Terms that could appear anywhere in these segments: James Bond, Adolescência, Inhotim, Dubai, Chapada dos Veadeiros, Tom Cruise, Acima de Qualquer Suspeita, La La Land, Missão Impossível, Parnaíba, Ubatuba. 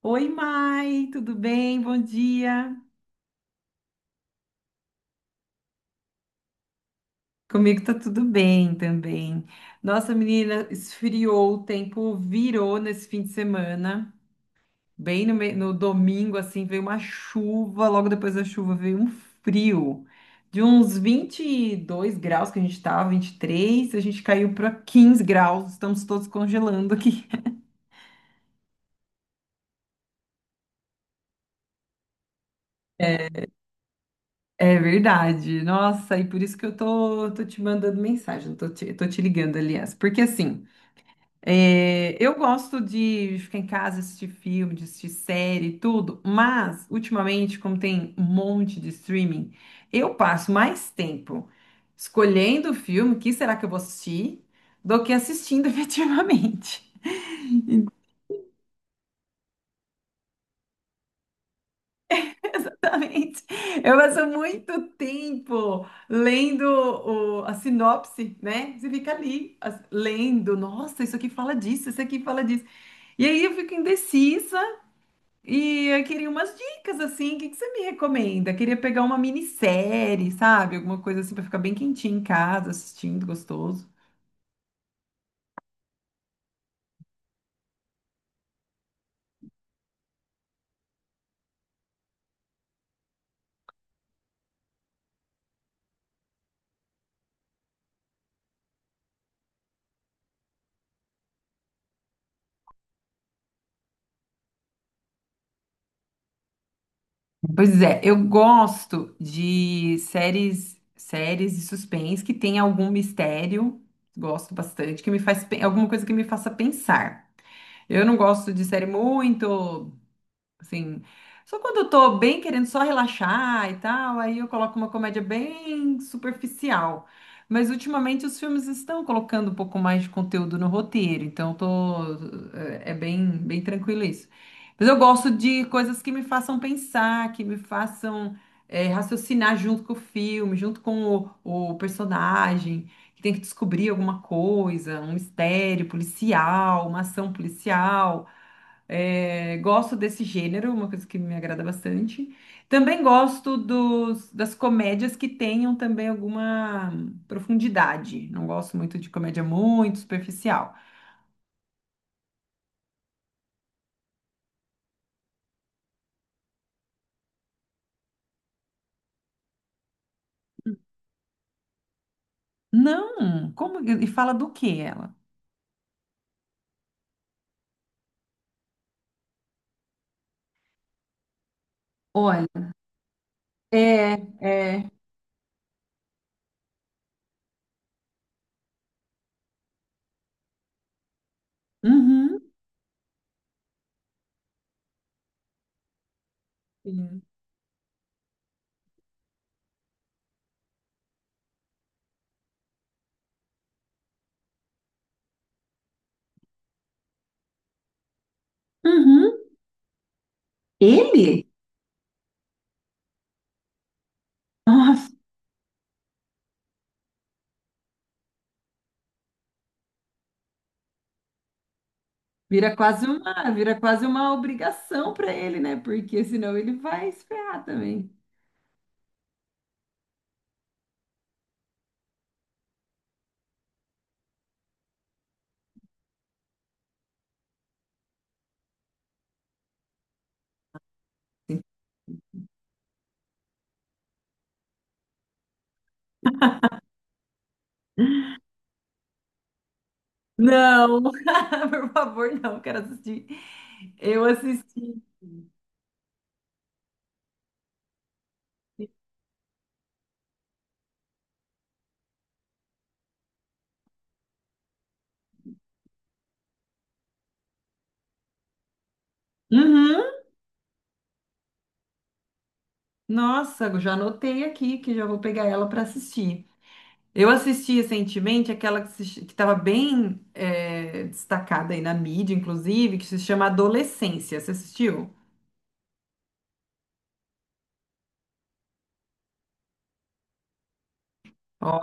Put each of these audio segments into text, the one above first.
Oi, Mai, tudo bem? Bom dia. Comigo tá tudo bem também. Nossa, menina, esfriou, o tempo virou nesse fim de semana. Bem no, me- No domingo, assim, veio uma chuva, logo depois da chuva veio um frio. De uns 22 graus que a gente tava, 23, a gente caiu para 15 graus, estamos todos congelando aqui. É verdade. Nossa, e por isso que eu tô te mandando mensagem, tô te ligando, aliás. Porque assim. É, eu gosto de ficar em casa, assistir filme, de assistir série, e tudo, mas ultimamente, como tem um monte de streaming, eu passo mais tempo escolhendo o filme, que será que eu vou assistir, do que assistindo efetivamente. Exatamente. Eu passo muito tempo lendo a sinopse, né? Você fica ali lendo, nossa, isso aqui fala disso, isso aqui fala disso. E aí eu fico indecisa. E eu queria umas dicas, assim, o que que você me recomenda? Queria pegar uma minissérie, sabe? Alguma coisa assim para ficar bem quentinho em casa, assistindo, gostoso. Pois é, eu gosto de séries, séries de suspense que tem algum mistério, gosto bastante, que me faz, alguma coisa que me faça pensar. Eu não gosto de série muito. Assim, só quando eu tô bem querendo só relaxar e tal, aí eu coloco uma comédia bem superficial. Mas ultimamente os filmes estão colocando um pouco mais de conteúdo no roteiro, então eu tô é bem tranquilo isso. Mas eu gosto de coisas que me façam pensar, que me façam raciocinar junto com o filme, junto com o personagem, que tem que descobrir alguma coisa, um mistério policial, uma ação policial. É, gosto desse gênero, uma coisa que me agrada bastante. Também gosto das comédias que tenham também alguma profundidade. Não gosto muito de comédia muito superficial. Não, como e fala do que ela? Olha, é, é, Uhum, sim. Uhum, ele? Nossa, vira quase uma obrigação para ele, né? Porque senão ele vai se ferrar também. Não, por favor, não, quero assistir. Eu assisti. Uhum. Nossa, já anotei aqui que já vou pegar ela para assistir. Eu assisti recentemente aquela que estava bem destacada aí na mídia, inclusive, que se chama Adolescência. Você assistiu? Ó-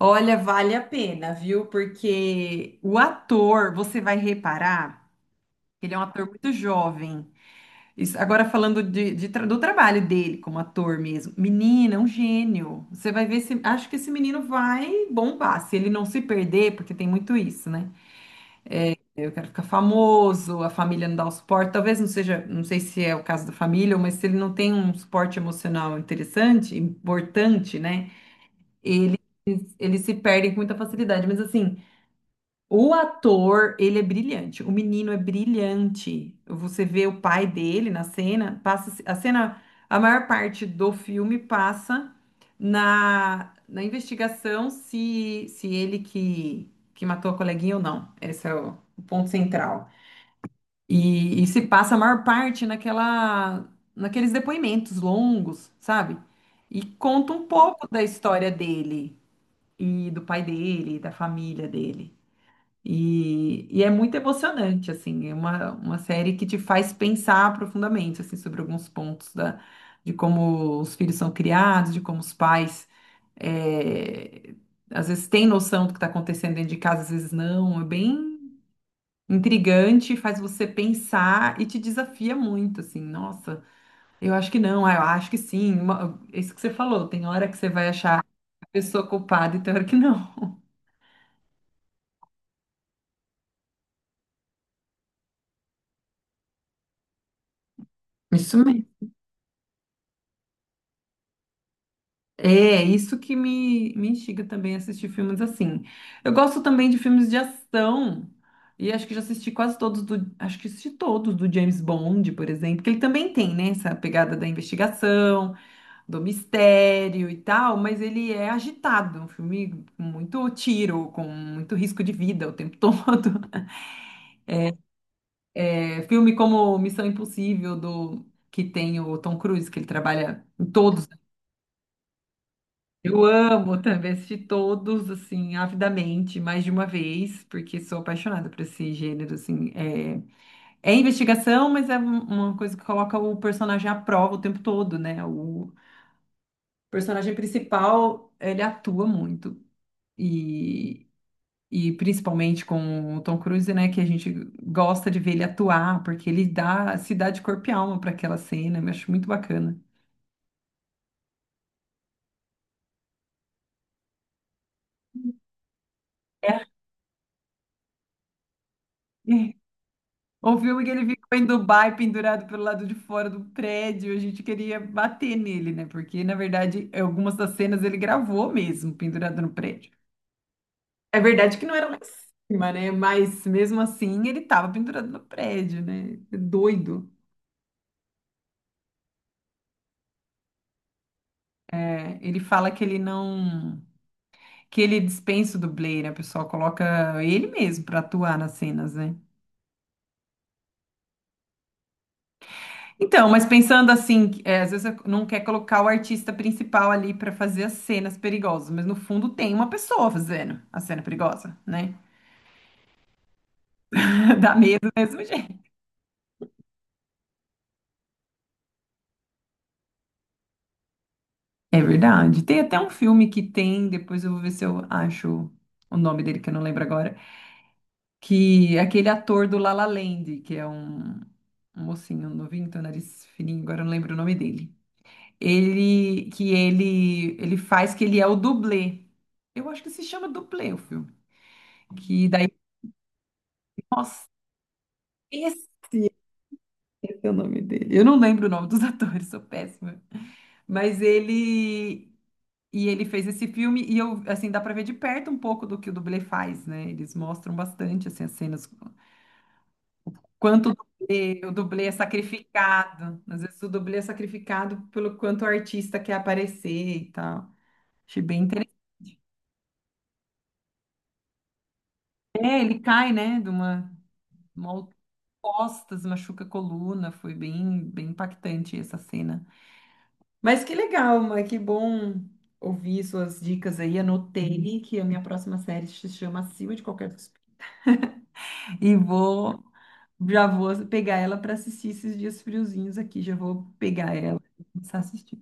Olha, vale a pena, viu? Porque o ator, você vai reparar, ele é um ator muito jovem. Isso, agora falando de do trabalho dele como ator mesmo. Menina, é um gênio. Você vai ver se. Acho que esse menino vai bombar, se ele não se perder, porque tem muito isso, né? Eu quero ficar famoso, a família não dá o suporte. Talvez não seja, não sei se é o caso da família, mas se ele não tem um suporte emocional interessante, importante, né? Eles se perdem com muita facilidade. Mas assim. O ator, ele é brilhante. O menino é brilhante. Você vê o pai dele na cena, passa a cena, a maior parte do filme passa na investigação se ele que matou a coleguinha ou não. Esse é o ponto central. E se passa a maior parte naqueles depoimentos longos, sabe? E conta um pouco da história dele e do pai dele, da família dele. E é muito emocionante, assim, é uma série que te faz pensar profundamente, assim, sobre alguns pontos de como os filhos são criados, de como os pais, eh, às vezes têm noção do que está acontecendo dentro de casa, às vezes não, é bem intrigante, faz você pensar e te desafia muito, assim, nossa, eu acho que não, ah, eu acho que sim, isso que você falou, tem hora que você vai achar a pessoa culpada e tem hora que não. Isso. É, isso que me instiga também a assistir filmes assim. Eu gosto também de filmes de ação. E acho que já assisti quase todos do, acho que assisti todos do James Bond, por exemplo, que ele também tem, né, essa pegada da investigação, do mistério e tal, mas ele é agitado, é um filme com muito tiro, com muito risco de vida o tempo todo. É, filme como Missão Impossível do que tem o Tom Cruise, que ele trabalha em todos. Eu amo também assistir todos, assim, avidamente, mais de uma vez, porque sou apaixonada por esse gênero, assim. É, é investigação, mas é uma coisa que coloca o personagem à prova o tempo todo, né? O personagem principal, ele atua muito. E, e principalmente com o Tom Cruise, né? Que a gente gosta de ver ele atuar, porque se dá de corpo e alma para aquela cena, eu acho muito bacana. É. O filme que ele ficou em Dubai pendurado pelo lado de fora do prédio, a gente queria bater nele, né? Porque, na verdade, algumas das cenas ele gravou mesmo, pendurado no prédio. É verdade que não era lá em cima, né? Mas mesmo assim ele tava pendurado no prédio, né? É doido. É, ele fala que ele não. Que ele dispensa o dublê, né? O pessoal coloca ele mesmo pra atuar nas cenas, né? Então, mas pensando assim, que, é, às vezes você não quer colocar o artista principal ali para fazer as cenas perigosas, mas no fundo tem uma pessoa fazendo a cena perigosa, né? Dá medo do mesmo jeito. É verdade. Tem até um filme que tem, depois eu vou ver se eu acho o nome dele, que eu não lembro agora, que é aquele ator do La La Land, que é um mocinho novinho, tem o nariz fininho, agora eu não lembro o nome dele. Ele faz que ele é o dublê. Eu acho que se chama dublê o filme que daí. Nossa, esse, é o nome dele. Eu não lembro o nome dos atores, sou péssima. Mas ele e ele fez esse filme e eu assim dá para ver de perto um pouco do que o dublê faz, né? Eles mostram bastante assim as cenas quanto o dublê é sacrificado. Às vezes o dublê é sacrificado pelo quanto o artista quer aparecer e tal. Achei bem interessante. É, ele cai, né, de uma altura costas, machuca a coluna, foi bem impactante essa cena. Mas que legal, Ma, que bom ouvir suas dicas aí. Anotei que a minha próxima série se chama Acima de Qualquer Suspeita. E vou, já vou pegar ela para assistir esses dias friozinhos aqui. Já vou pegar ela e começar a assistir.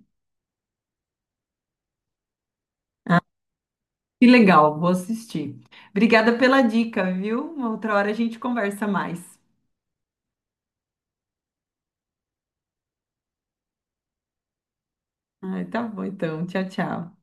Que legal, vou assistir. Obrigada pela dica, viu? Uma outra hora a gente conversa mais. Ah, tá bom então. Tchau, tchau.